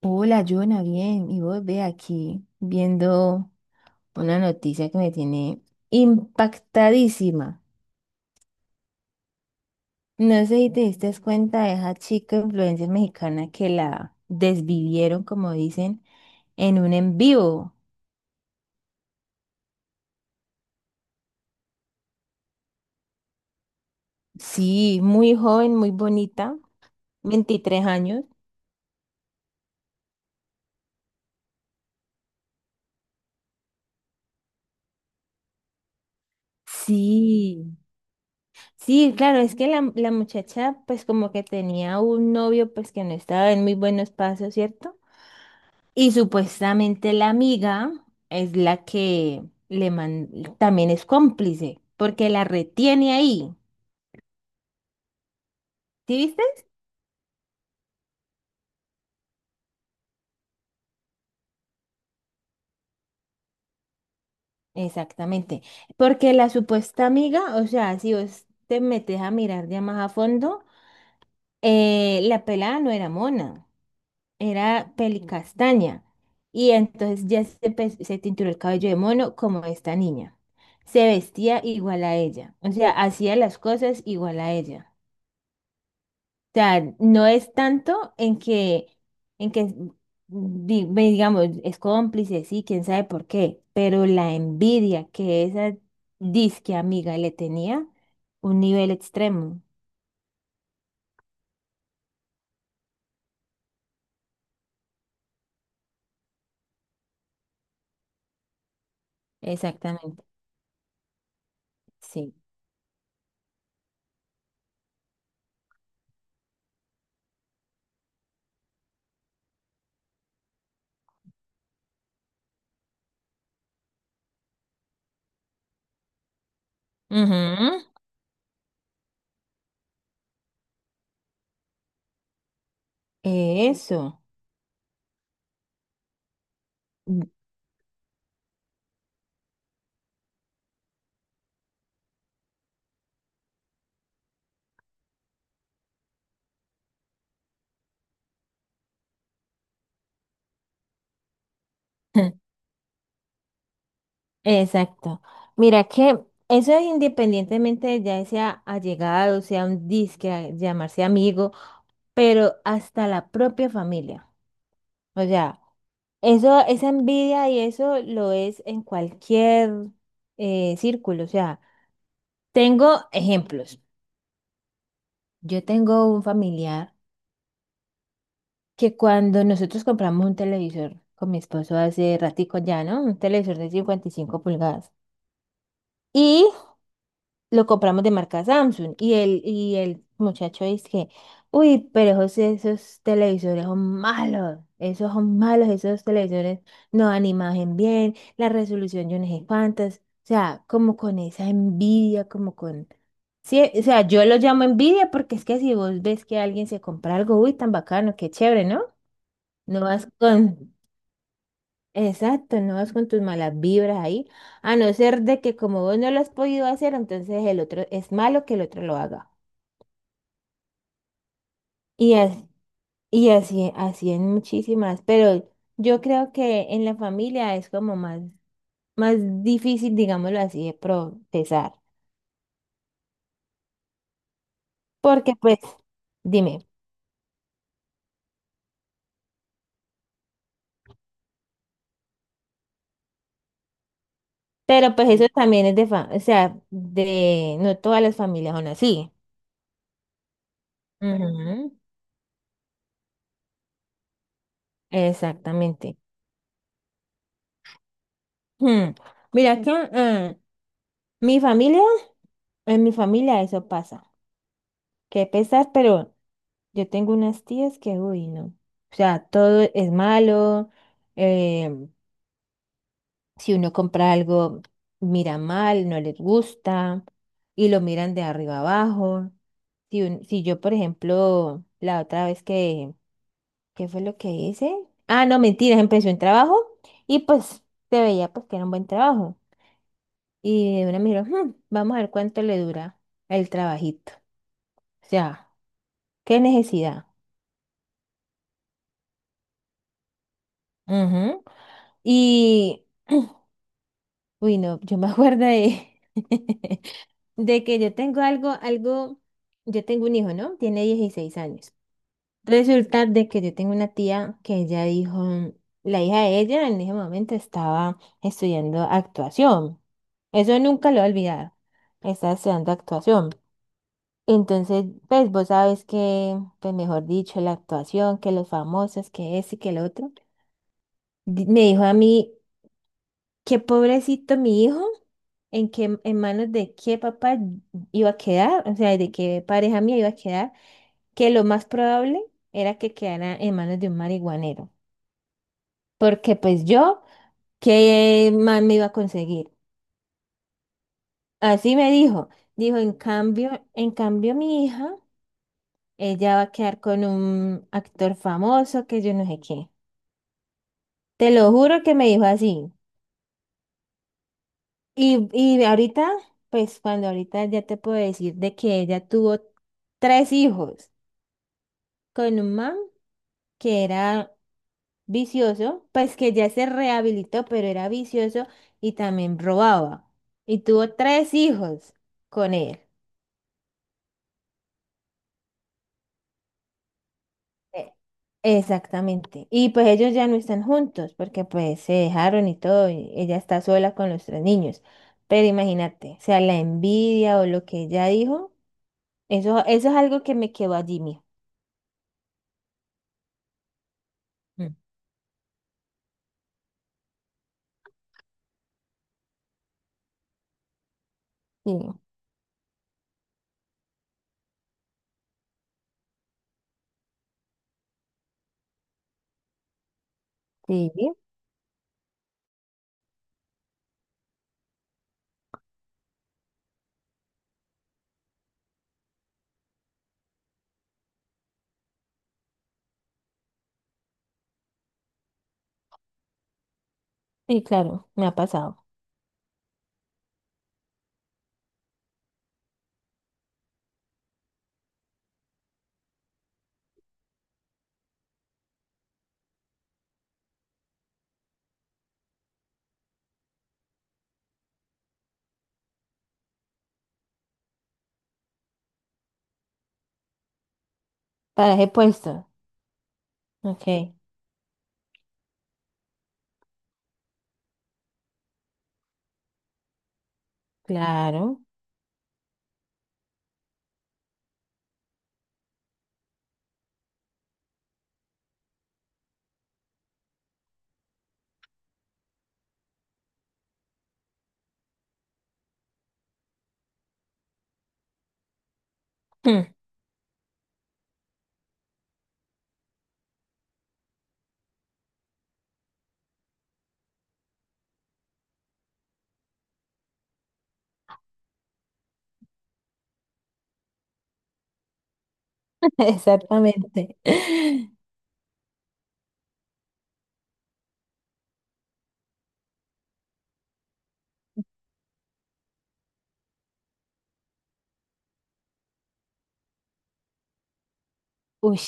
Hola, Jonah, bien. Y vos ve aquí viendo una noticia que me tiene impactadísima. No sé si te diste cuenta de esa chica influencer mexicana que la desvivieron, como dicen, en un en vivo. Sí, muy joven, muy bonita, 23 años. Sí, sí, claro, es que la muchacha pues como que tenía un novio pues que no estaba en muy buenos pasos, ¿cierto? Y supuestamente la amiga es la que le man- también es cómplice, porque la retiene ahí. ¿Sí viste? Exactamente. Porque la supuesta amiga, o sea, si vos te metes a mirar ya más a fondo, la pelada no era mona, era pelicastaña. Y entonces ya se tinturó el cabello de mono como esta niña. Se vestía igual a ella. O sea, hacía las cosas igual a ella. Sea, no es tanto en que ve, digamos, es cómplice, sí, quién sabe por qué, pero la envidia que esa disque amiga le tenía, un nivel extremo. Exactamente, sí. Ujú. Eso. Mm. Exacto. Mira que eso es independientemente de ya sea allegado, sea un disque, llamarse amigo, pero hasta la propia familia. O sea, eso, esa envidia y eso lo es en cualquier círculo. O sea, tengo ejemplos. Yo tengo un familiar que cuando nosotros compramos un televisor con mi esposo hace ratico ya, ¿no? Un televisor de 55 pulgadas. Y lo compramos de marca Samsung y el muchacho dice que, uy, pero José, esos televisores son malos, esos televisores no dan imagen bien, la resolución yo no sé cuántas, o sea, como con esa envidia, como con... Sí, o sea, yo lo llamo envidia porque es que si vos ves que alguien se compra algo, uy, tan bacano, qué chévere, ¿no? No vas con, Exacto, no vas con tus malas vibras ahí, a no ser de que como vos no lo has podido hacer, entonces el otro es malo que el otro lo haga. Y así, y así, así en muchísimas, pero yo creo que en la familia es como más difícil, digámoslo así, de procesar. Porque pues, dime, pero pues eso también es o sea, de, no todas las familias son así. Ujú. Exactamente. Hmm. Mira que mi familia en mi familia eso pasa. Qué pesar, pero yo tengo unas tías que, uy, no. O sea, todo es malo. eh, si uno compra algo, mira mal, no les gusta y lo miran de arriba abajo. Si, si yo, por ejemplo, la otra vez que, ¿qué fue lo que hice? Ah, no, mentiras, empecé un trabajo y pues se veía pues que era un buen trabajo. Y de una me dijeron, "Hmm, vamos a ver cuánto le dura el trabajito. O sea, qué necesidad". Ujú. Y, uy, no, yo me acuerdo de, de que yo tengo yo tengo un hijo, ¿no? Tiene 16 años. Resulta de que yo tengo una tía que ella dijo, la hija de ella en ese momento estaba estudiando actuación. Eso nunca lo he olvidado. Estaba estudiando actuación. Entonces, pues vos sabes que, pues mejor dicho, la actuación, que los famosos, que ese y que el otro. Me dijo a mí, qué pobrecito mi hijo, en manos de qué papá iba a quedar, o sea, de qué pareja mía iba a quedar, que lo más probable era que quedara en manos de un marihuanero, porque pues yo, ¿qué más me iba a conseguir? Así me dijo, dijo, en cambio mi hija, ella va a quedar con un actor famoso que yo no sé qué. Te lo juro que me dijo así. Y ahorita, pues cuando ahorita ya te puedo decir de que ella tuvo tres hijos con un man que era vicioso, pues que ya se rehabilitó, pero era vicioso y también robaba. Y tuvo tres hijos con él. Eh, Exactamente. Y pues ellos ya no están juntos porque pues se dejaron y todo, y ella está sola con los tres niños. Pero imagínate, o sea, la envidia o lo que ella dijo, eso es algo que me quedó allí, mío. Sí, sí, sí, claro, me ha pasado. Para he puesto. Ok, claro. Exactamente. Uy,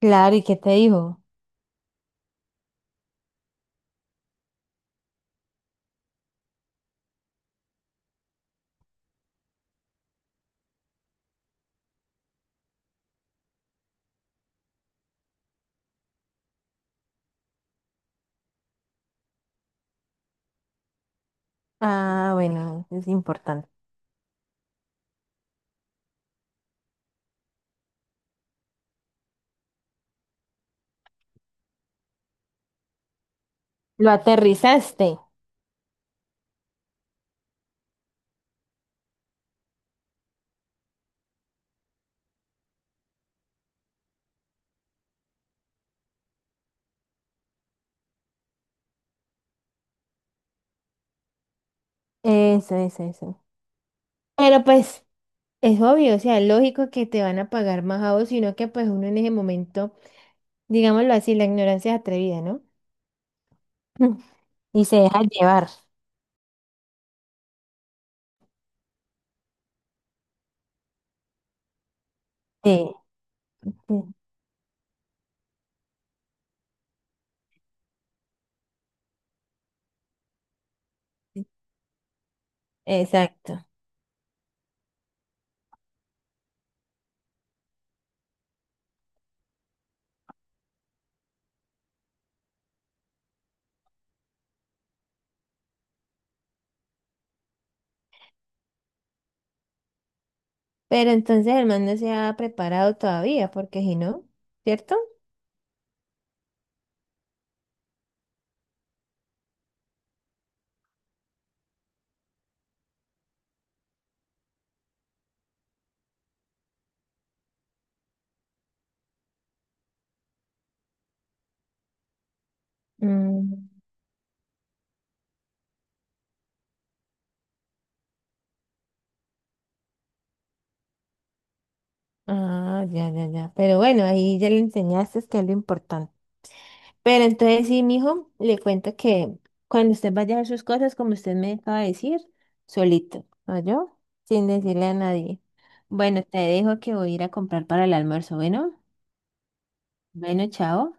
claro, ¿y qué te dijo? Ah, bueno, es importante. Lo aterrizaste. Eso. Pero pues es obvio, o sea, es lógico que te van a pagar más a vos, sino que pues uno en ese momento, digámoslo así, la ignorancia es atrevida, ¿no? Y se deja llevar. Sí, sí, sí, exacto. Pero entonces el man no se ha preparado todavía, porque si no, ¿cierto? Mm. Ah, ya, ya, ya. Pero bueno, ahí ya le enseñaste que es lo importante. Pero entonces sí, mijo, le cuento que cuando usted vaya a hacer sus cosas, como usted me acaba de decir, solito, ¿no yo? Sin decirle a nadie. Bueno, te dejo que voy a ir a comprar para el almuerzo. Bueno, bueno, chao.